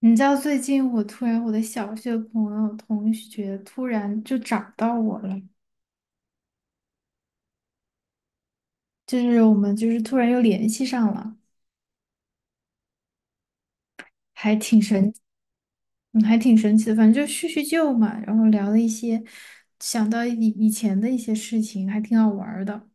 你知道最近我突然我的小学朋友同学突然就找到我了，就是我们就是突然又联系上了，还挺神，嗯还挺神奇的。反正就叙叙旧嘛，然后聊了一些，想到以前的一些事情，还挺好玩儿的，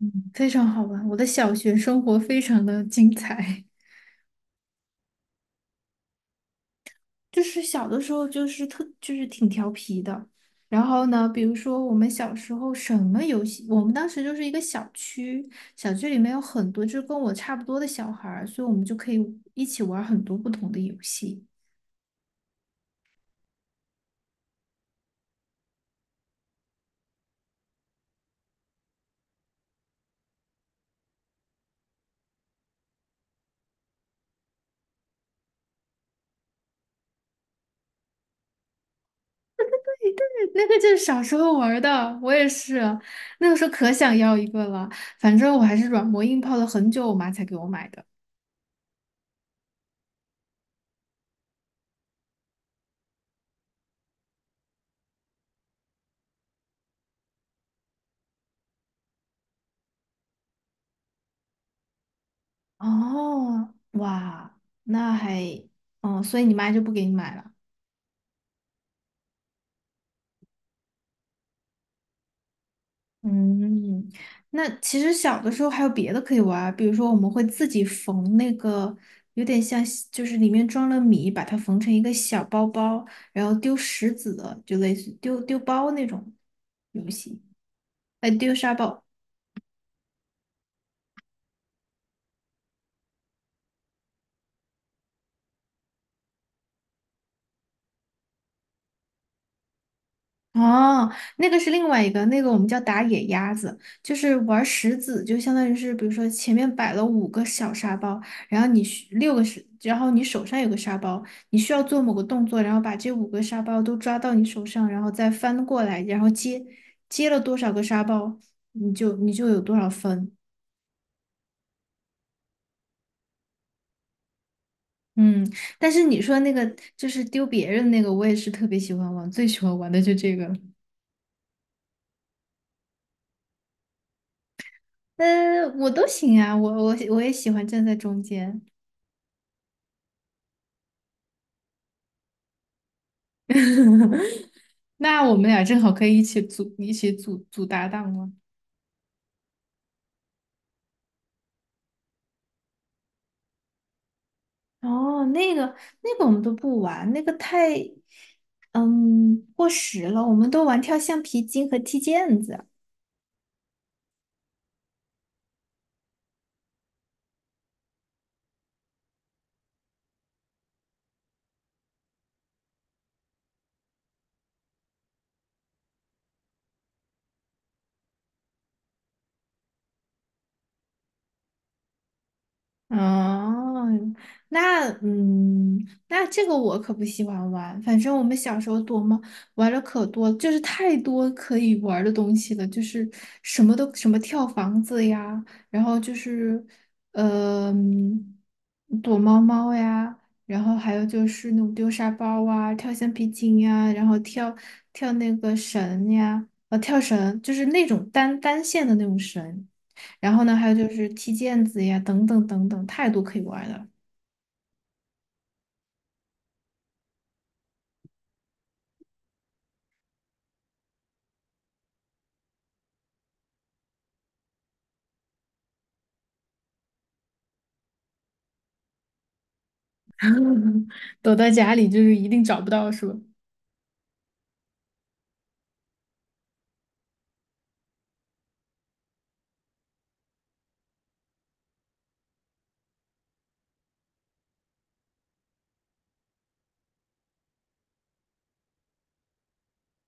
嗯，非常好玩。我的小学生活非常的精彩。就是小的时候就是特就是挺调皮的，然后呢，比如说我们小时候什么游戏，我们当时就是一个小区，小区里面有很多就跟我差不多的小孩儿，所以我们就可以一起玩很多不同的游戏。那个就是小时候玩儿的，我也是，那个时候可想要一个了，反正我还是软磨硬泡了很久，我妈才给我买的。哦，哇，那还，哦，所以你妈就不给你买了。嗯，那其实小的时候还有别的可以玩儿，比如说我们会自己缝那个，有点像西，就是里面装了米，把它缝成一个小包包，然后丢石子的，就类似丢丢包那种游戏，哎，丢沙包。哦，那个是另外一个，那个我们叫打野鸭子，就是玩石子，就相当于是，比如说前面摆了5个小沙包，然后你需六个是，然后你手上有个沙包，你需要做某个动作，然后把这5个沙包都抓到你手上，然后再翻过来，然后接接了多少个沙包，你就有多少分。嗯，但是你说那个就是丢别人那个，我也是特别喜欢玩，最喜欢玩的就这个了。我都行啊，我也喜欢站在中间。那我们俩正好可以一起组搭档了。哦，那个那个我们都不玩，那个太，嗯，过时了。我们都玩跳橡皮筋和踢毽子。哦，那嗯，那这个我可不喜欢玩。反正我们小时候躲猫玩了可多，就是太多可以玩儿的东西了，就是什么都什么跳房子呀，然后就是呃躲猫猫呀，然后还有就是那种丢沙包啊、跳橡皮筋呀，然后跳那个绳呀，跳绳，就是那种单线的那种绳。然后呢，还有就是踢毽子呀，等等等等，太多可以玩儿了，躲在家里就是一定找不到，是吧？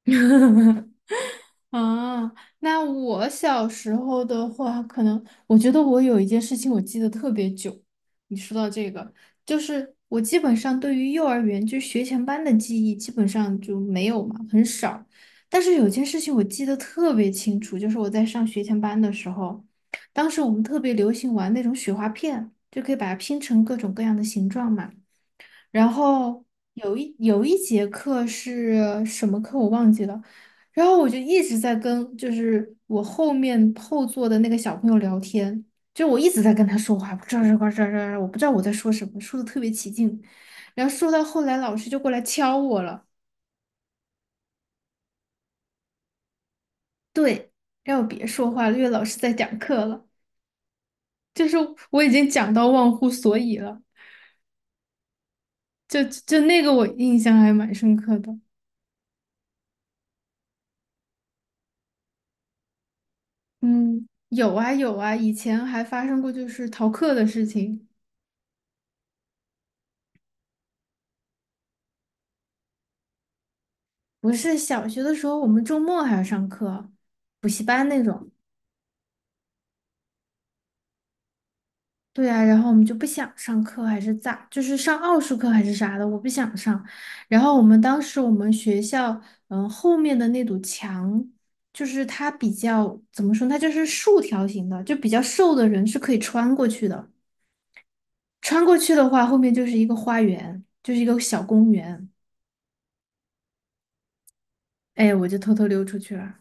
啊，那我小时候的话，可能我觉得我有一件事情我记得特别久。你说到这个，就是我基本上对于幼儿园就学前班的记忆基本上就没有嘛，很少。但是有件事情我记得特别清楚，就是我在上学前班的时候，当时我们特别流行玩那种雪花片，就可以把它拼成各种各样的形状嘛。然后有一节课是什么课我忘记了，然后我就一直在跟就是我后座的那个小朋友聊天，就我一直在跟他说话，这这这这这，我不知道我在说什么，说的特别起劲，然后说到后来老师就过来敲我了，对，让我别说话了，因为老师在讲课了，就是我已经讲到忘乎所以了，就那个我印象还蛮深刻的。嗯，有啊有啊，以前还发生过就是逃课的事情。不是小学的时候，我们周末还要上课，补习班那种。对啊，然后我们就不想上课，还是咋？就是上奥数课还是啥的，我不想上。然后我们学校，嗯，后面的那堵墙，就是它比较怎么说呢，它就是竖条形的，就比较瘦的人是可以穿过去的。穿过去的话，后面就是一个花园，就是一个小公园。哎，我就偷偷溜出去了。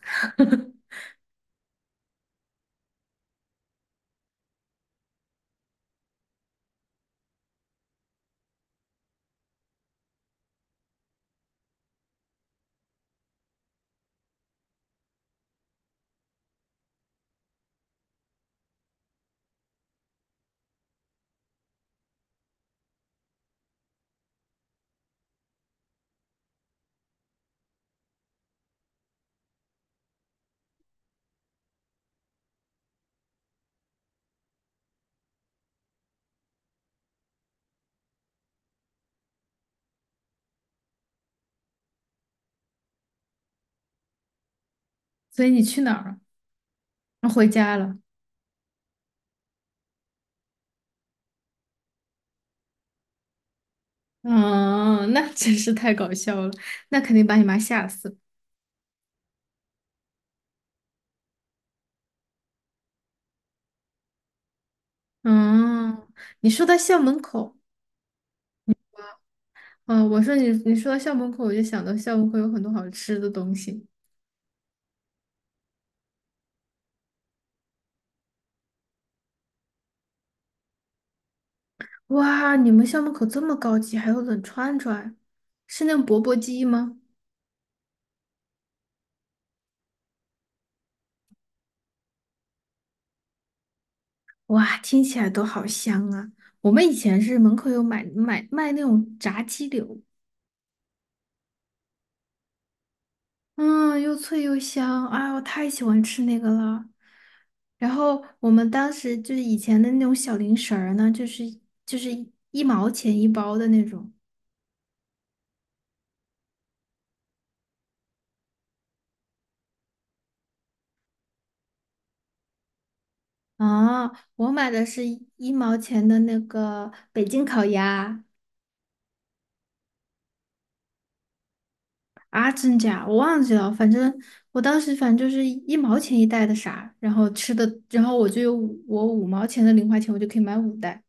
所以你去哪儿了？啊，回家了。嗯，那真是太搞笑了，那肯定把你妈吓死。嗯，你说到校门口，嗯，我说你说到校门口，我就想到校门口有很多好吃的东西。哇，你们校门口这么高级，还有冷串串，是那种钵钵鸡吗？哇，听起来都好香啊！我们以前是门口有买卖那种炸鸡柳，嗯，又脆又香，啊，我太喜欢吃那个了。然后我们当时就是以前的那种小零食儿呢，就是1毛钱1包的那种啊。我买的是一毛钱的那个北京烤鸭，啊，真假我忘记了，反正我当时反正就是1毛钱1袋的啥，然后吃的，然后我就有我五毛钱的零花钱，我就可以买5袋。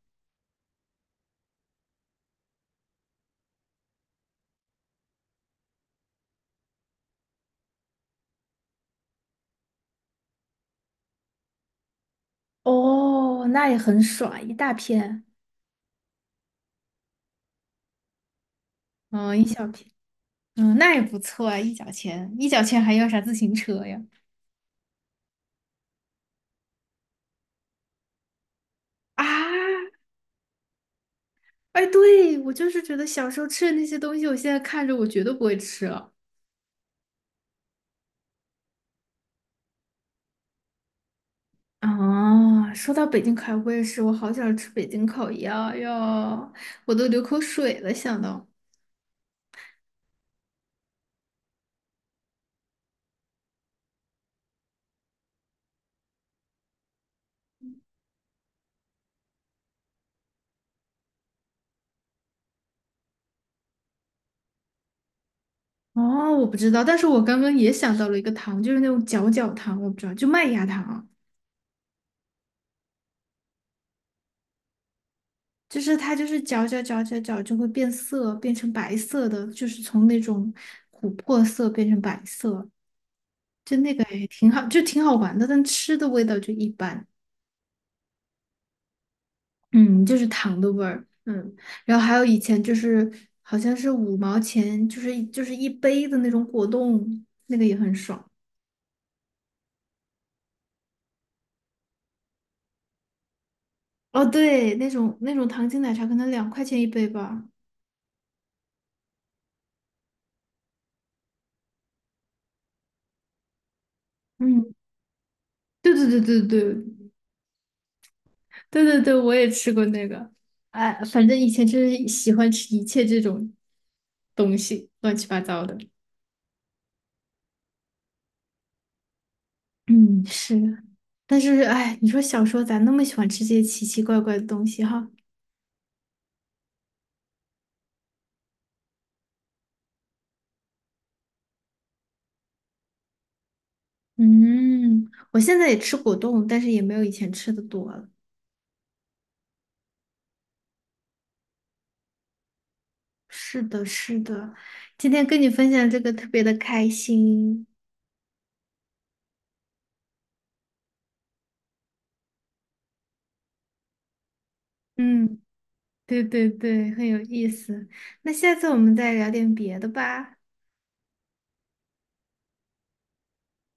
哦，那也很爽，一大片，嗯，一小片。嗯，那也不错啊，一角钱，一角钱还要啥自行车呀？啊，哎，对，我就是觉得小时候吃的那些东西，我现在看着我绝对不会吃了。啊，说到北京烤鸭，我也是，我好想吃北京烤鸭呀，我都流口水了，想到。哦，我不知道，但是我刚刚也想到了一个糖，就是那种搅搅糖，我不知道，就麦芽糖，就是它就是搅搅搅搅搅就会变色，变成白色的，就是从那种琥珀色变成白色。就那个也挺好，就挺好玩的，但吃的味道就一般，嗯，就是糖的味儿，嗯，然后还有以前就是好像是五毛钱，就是一杯的那种果冻，那个也很爽。哦，对，那种糖精奶茶可能2块钱1杯吧。嗯，对对对对对对对对，我也吃过那个。哎，反正以前就是喜欢吃一切这种东西，乱七八糟的。嗯，是。但是，哎，你说小时候咋那么喜欢吃这些奇奇怪怪的东西哈？嗯，我现在也吃果冻，但是也没有以前吃的多了。是的，是的，今天跟你分享这个特别的开心。嗯，对对对，很有意思。那下次我们再聊点别的吧。